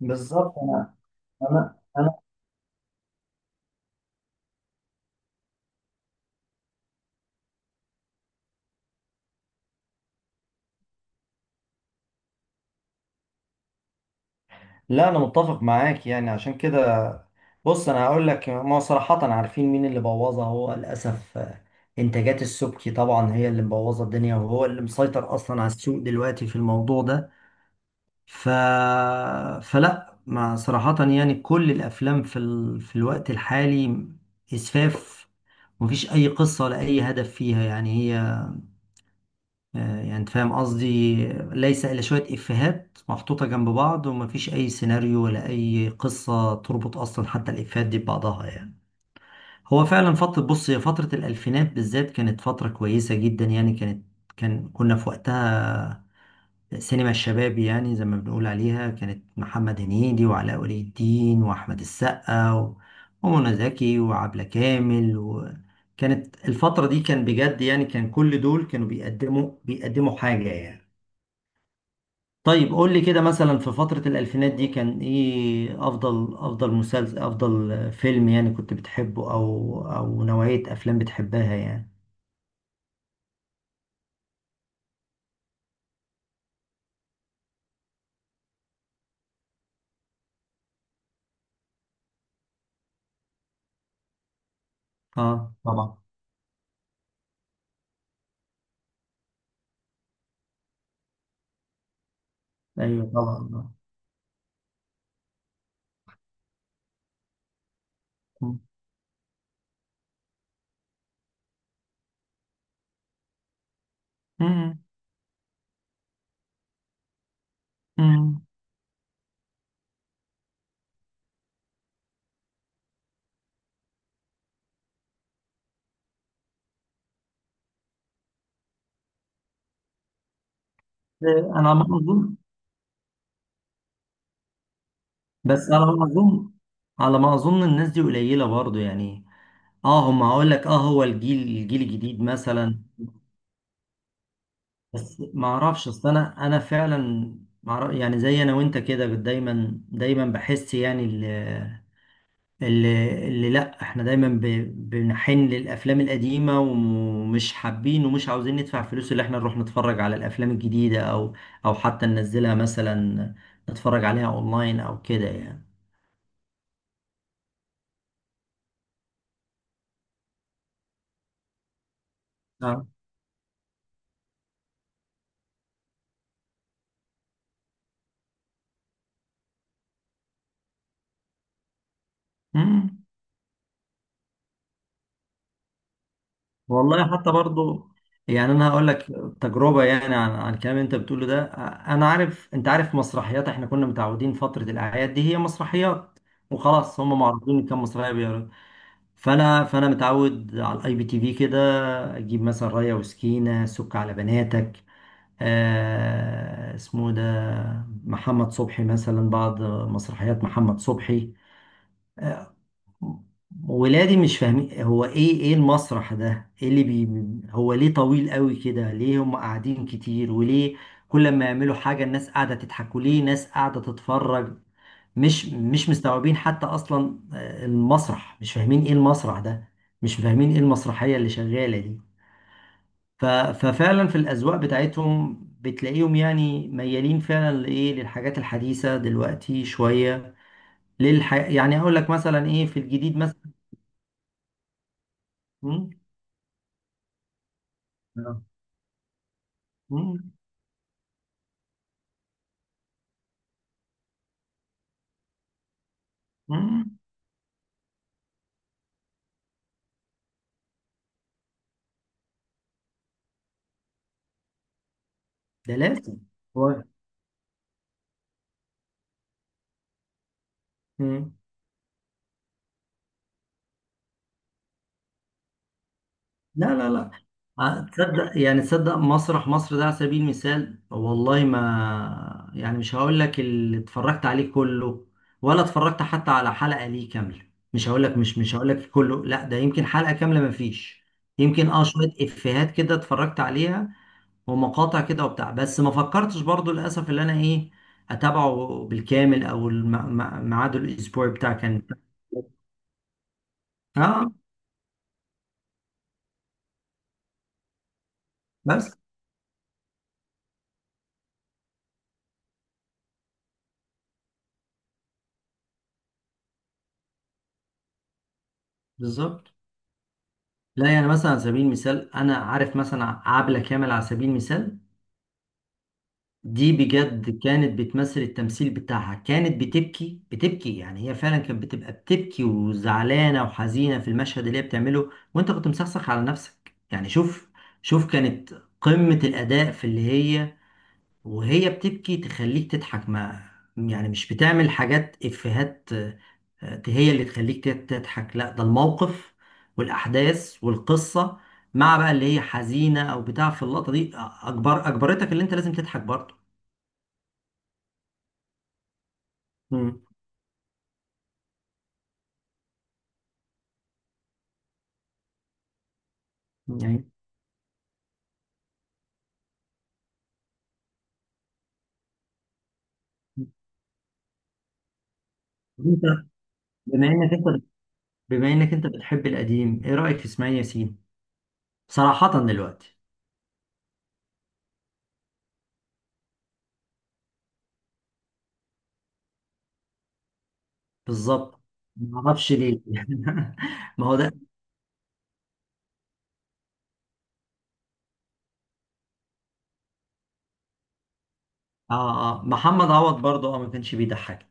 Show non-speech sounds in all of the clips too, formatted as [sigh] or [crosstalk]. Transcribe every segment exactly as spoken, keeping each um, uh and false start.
بالظبط. انا انا انا لا، انا متفق معاك، يعني عشان كده. بص، انا هقول لك، ما صراحة، عارفين مين اللي بوظها؟ هو للاسف، آه، انتاجات السبكي طبعا هي اللي مبوظه الدنيا، وهو اللي مسيطر اصلا على السوق دلوقتي في الموضوع ده. ف فلا ما صراحة، يعني كل الافلام في ال... في الوقت الحالي اسفاف. مفيش اي قصة ولا اي هدف فيها، يعني هي، آه، يعني انت فاهم قصدي. ليس الا شويه افيهات محطوطه جنب بعض، ومفيش اي سيناريو ولا اي قصه تربط اصلا حتى الافيهات دي ببعضها يعني. هو فعلا فتره، بص، هي فتره الالفينات بالذات كانت فتره كويسه جدا، يعني كانت، كان كنا في وقتها سينما الشباب، يعني زي ما بنقول عليها، كانت محمد هنيدي وعلاء ولي الدين واحمد السقا و- ومنى زكي وعبلة كامل. وكانت الفتره دي كان بجد، يعني كان كل دول كانوا بيقدموا بيقدموا حاجه يعني. طيب قول لي كده مثلا، في فترة الألفينات دي كان إيه أفضل أفضل مسلسل، أفضل فيلم يعني كنت بتحبه؟ أو أو نوعية أفلام بتحبها يعني؟ آه طبعا. أيوه طبعا، آه. مم. مم. إيه، أنا على ما أظن، بس على ما أظن على ما أظن الناس دي قليلة برضو يعني. آه هم، هقول لك، آه، هو الجيل الجيل الجديد مثلا. بس ما أعرفش أصل، أنا أنا فعلا، معرف- يعني زي أنا وأنت كده، دايما دايما بحس يعني، ال اللي, اللي لا، احنا دايما ب... بنحن للافلام القديمه، ومش حابين ومش عاوزين ندفع فلوس اللي احنا نروح نتفرج على الافلام الجديده، او او حتى ننزلها مثلا، نتفرج عليها اونلاين او كده يعني. اه. امم. والله حتى برضو، يعني انا هقول لك تجربه، يعني عن عن الكلام اللي انت بتقوله ده. انا عارف، انت عارف مسرحيات، احنا كنا متعودين فتره الاعياد دي هي مسرحيات وخلاص، هم معروضين كام مسرحيه. فانا فانا متعود على الاي بي تي في كده، اجيب مثلا رايه وسكينه، سك على بناتك، آه اسمه ده، محمد صبحي، مثلا بعض مسرحيات محمد صبحي. آه، ولادي مش فاهمين هو ايه، ايه المسرح ده، ايه اللي بي هو ليه طويل قوي كده؟ ليه هم قاعدين كتير؟ وليه كل ما يعملوا حاجه الناس قاعده تضحك؟ وليه ناس قاعده تتفرج؟ مش مش مستوعبين حتى اصلا، آه، المسرح، مش فاهمين ايه المسرح ده، مش فاهمين ايه المسرحية اللي شغالة دي. ف- ففعلا في الاذواق بتاعتهم بتلاقيهم يعني ميالين فعلا لايه، للحاجات الحديثة دلوقتي شوية. للح يعني اقول لك مثلا ايه في الجديد مثلا؟ مم. آه. مم. مم. ده لازم. هو- مم. لا لا لا. آه، تصدق يعني؟ تصدق مسرح مصر ده على سبيل المثال، والله ما، يعني، مش هقول لك اللي اتفرجت عليه كله، ولا اتفرجت حتى على حلقة ليه كاملة. مش هقول لك، مش مش هقول لك كله، لا، ده يمكن حلقة كاملة ما فيش. يمكن اه شوية افيهات كده اتفرجت عليها، ومقاطع كده وبتاع، بس ما فكرتش برضو للأسف اللي انا ايه، اتابعه بالكامل، او الم- م- ميعاده الاسبوعي بتاع كان [laughs] اه. بس. بالظبط. لا يعني مثلا، على سبيل المثال انا عارف مثلا، عبلة كامل على سبيل المثال دي، بجد كانت بتمثل، التمثيل بتاعها كانت بتبكي، بتبكي يعني هي فعلا كانت بتبقى بتبكي وزعلانة وحزينة في المشهد اللي هي بتعمله، وانت كنت مسخسخ على نفسك يعني. شوف شوف كانت قمة الأداء في اللي هي وهي بتبكي تخليك تضحك، ما، يعني مش بتعمل حاجات إفيهات، آه، آه، هي اللي تخليك تت- تضحك، لا ده الموقف والأحداث والقصة مع بقى اللي هي حزينة أو بتاع في اللقطة دي، آه، أجبر أجبرتك اللي أنت لازم تضحك برضه. مم. يعني أنت، بما إنك أنت بما إنك أنت بتحب القديم، إيه رأيك في إسماعيل ياسين؟ صراحة دلوقتي. بالظبط. ما اعرفش ليه [laughs] ما هو ده. اه اه، محمد عوض برضه اه، ما كانش بيضحك.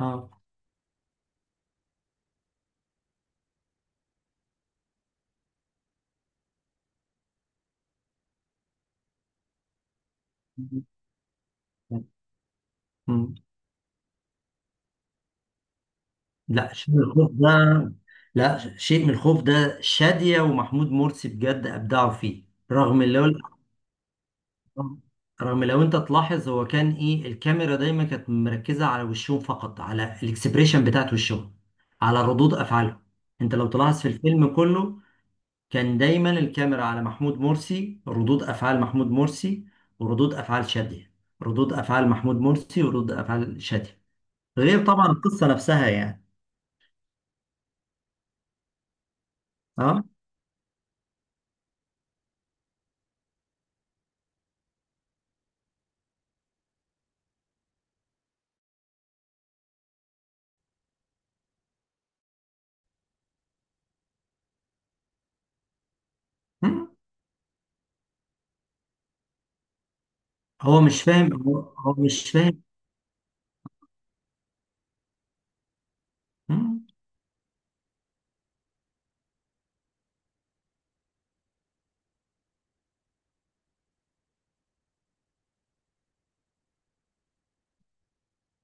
اه. مم. لا شيء من الخوف ده، لا شيء من الخوف ده شادية ومحمود مرسي بجد أبدعوا فيه. رغم لو رغم لو أنت تلاحظ، هو كان إيه؟ الكاميرا دايما كانت مركزة على وشهم فقط، على الإكسبريشن بتاعت وشهم، على ردود أفعالهم. أنت لو تلاحظ في الفيلم كله، كان دايما الكاميرا على محمود مرسي، ردود أفعال محمود مرسي وردود أفعال شادية، ردود أفعال محمود مرسي وردود أفعال شادية. غير طبعا القصة نفسها يعني. أه. هو مش فاهم، هو هو مش فاهم. مم.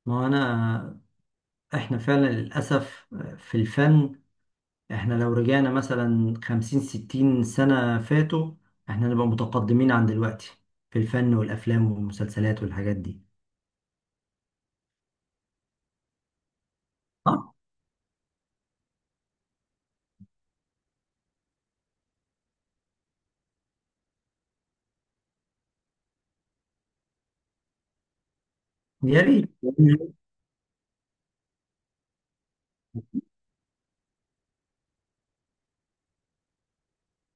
ما هو انا، احنا فعلا للاسف في الفن، احنا لو رجعنا مثلا خمسين ستين سنة فاتوا، احنا نبقى متقدمين عن دلوقتي في الفن والافلام والمسلسلات والحاجات دي. آه، يا ريت.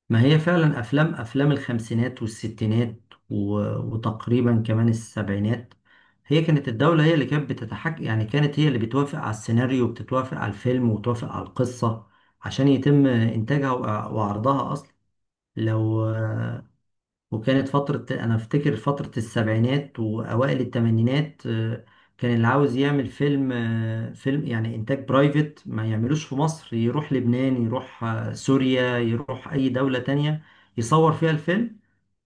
ما هي فعلا افلام، افلام الخمسينات والستينات و... وتقريبا كمان السبعينات، هي كانت الدولة هي اللي كانت بتتحكم، يعني كانت هي اللي بتوافق على السيناريو، وبتتوافق على الفيلم وتوافق على القصة عشان يتم انتاجها وع- وعرضها اصلا. لو، وكانت فترة، أنا أفتكر فترة السبعينات وأوائل التمانينات، آه، كان اللي عاوز يعمل فيلم، آه، فيلم يعني إنتاج برايفت، ما يعملوش في مصر، يروح لبنان، يروح آه، سوريا، يروح أي دولة تانية يصور فيها الفيلم،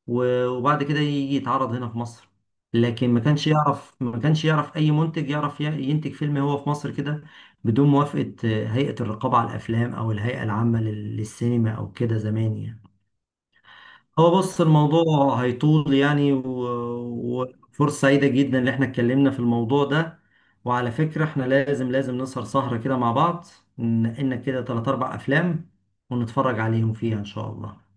و- وبعد كده يجي يتعرض هنا في مصر. لكن ما كانش يعرف، ما كانش يعرف أي منتج يعرف ي- ينتج فيلم هو في مصر كده بدون موافقة آه، هيئة الرقابة على الأفلام، أو الهيئة العامة لل- للسينما أو كده زمان يعني. هو بص الموضوع هيطول يعني، و- وفرصة سعيدة جدا ان احنا اتكلمنا في الموضوع ده. وعلى فكرة، احنا لازم لازم نسهر سهرة كده مع بعض، ننقلنا كده تلات اربع افلام ونتفرج عليهم فيها ان شاء الله.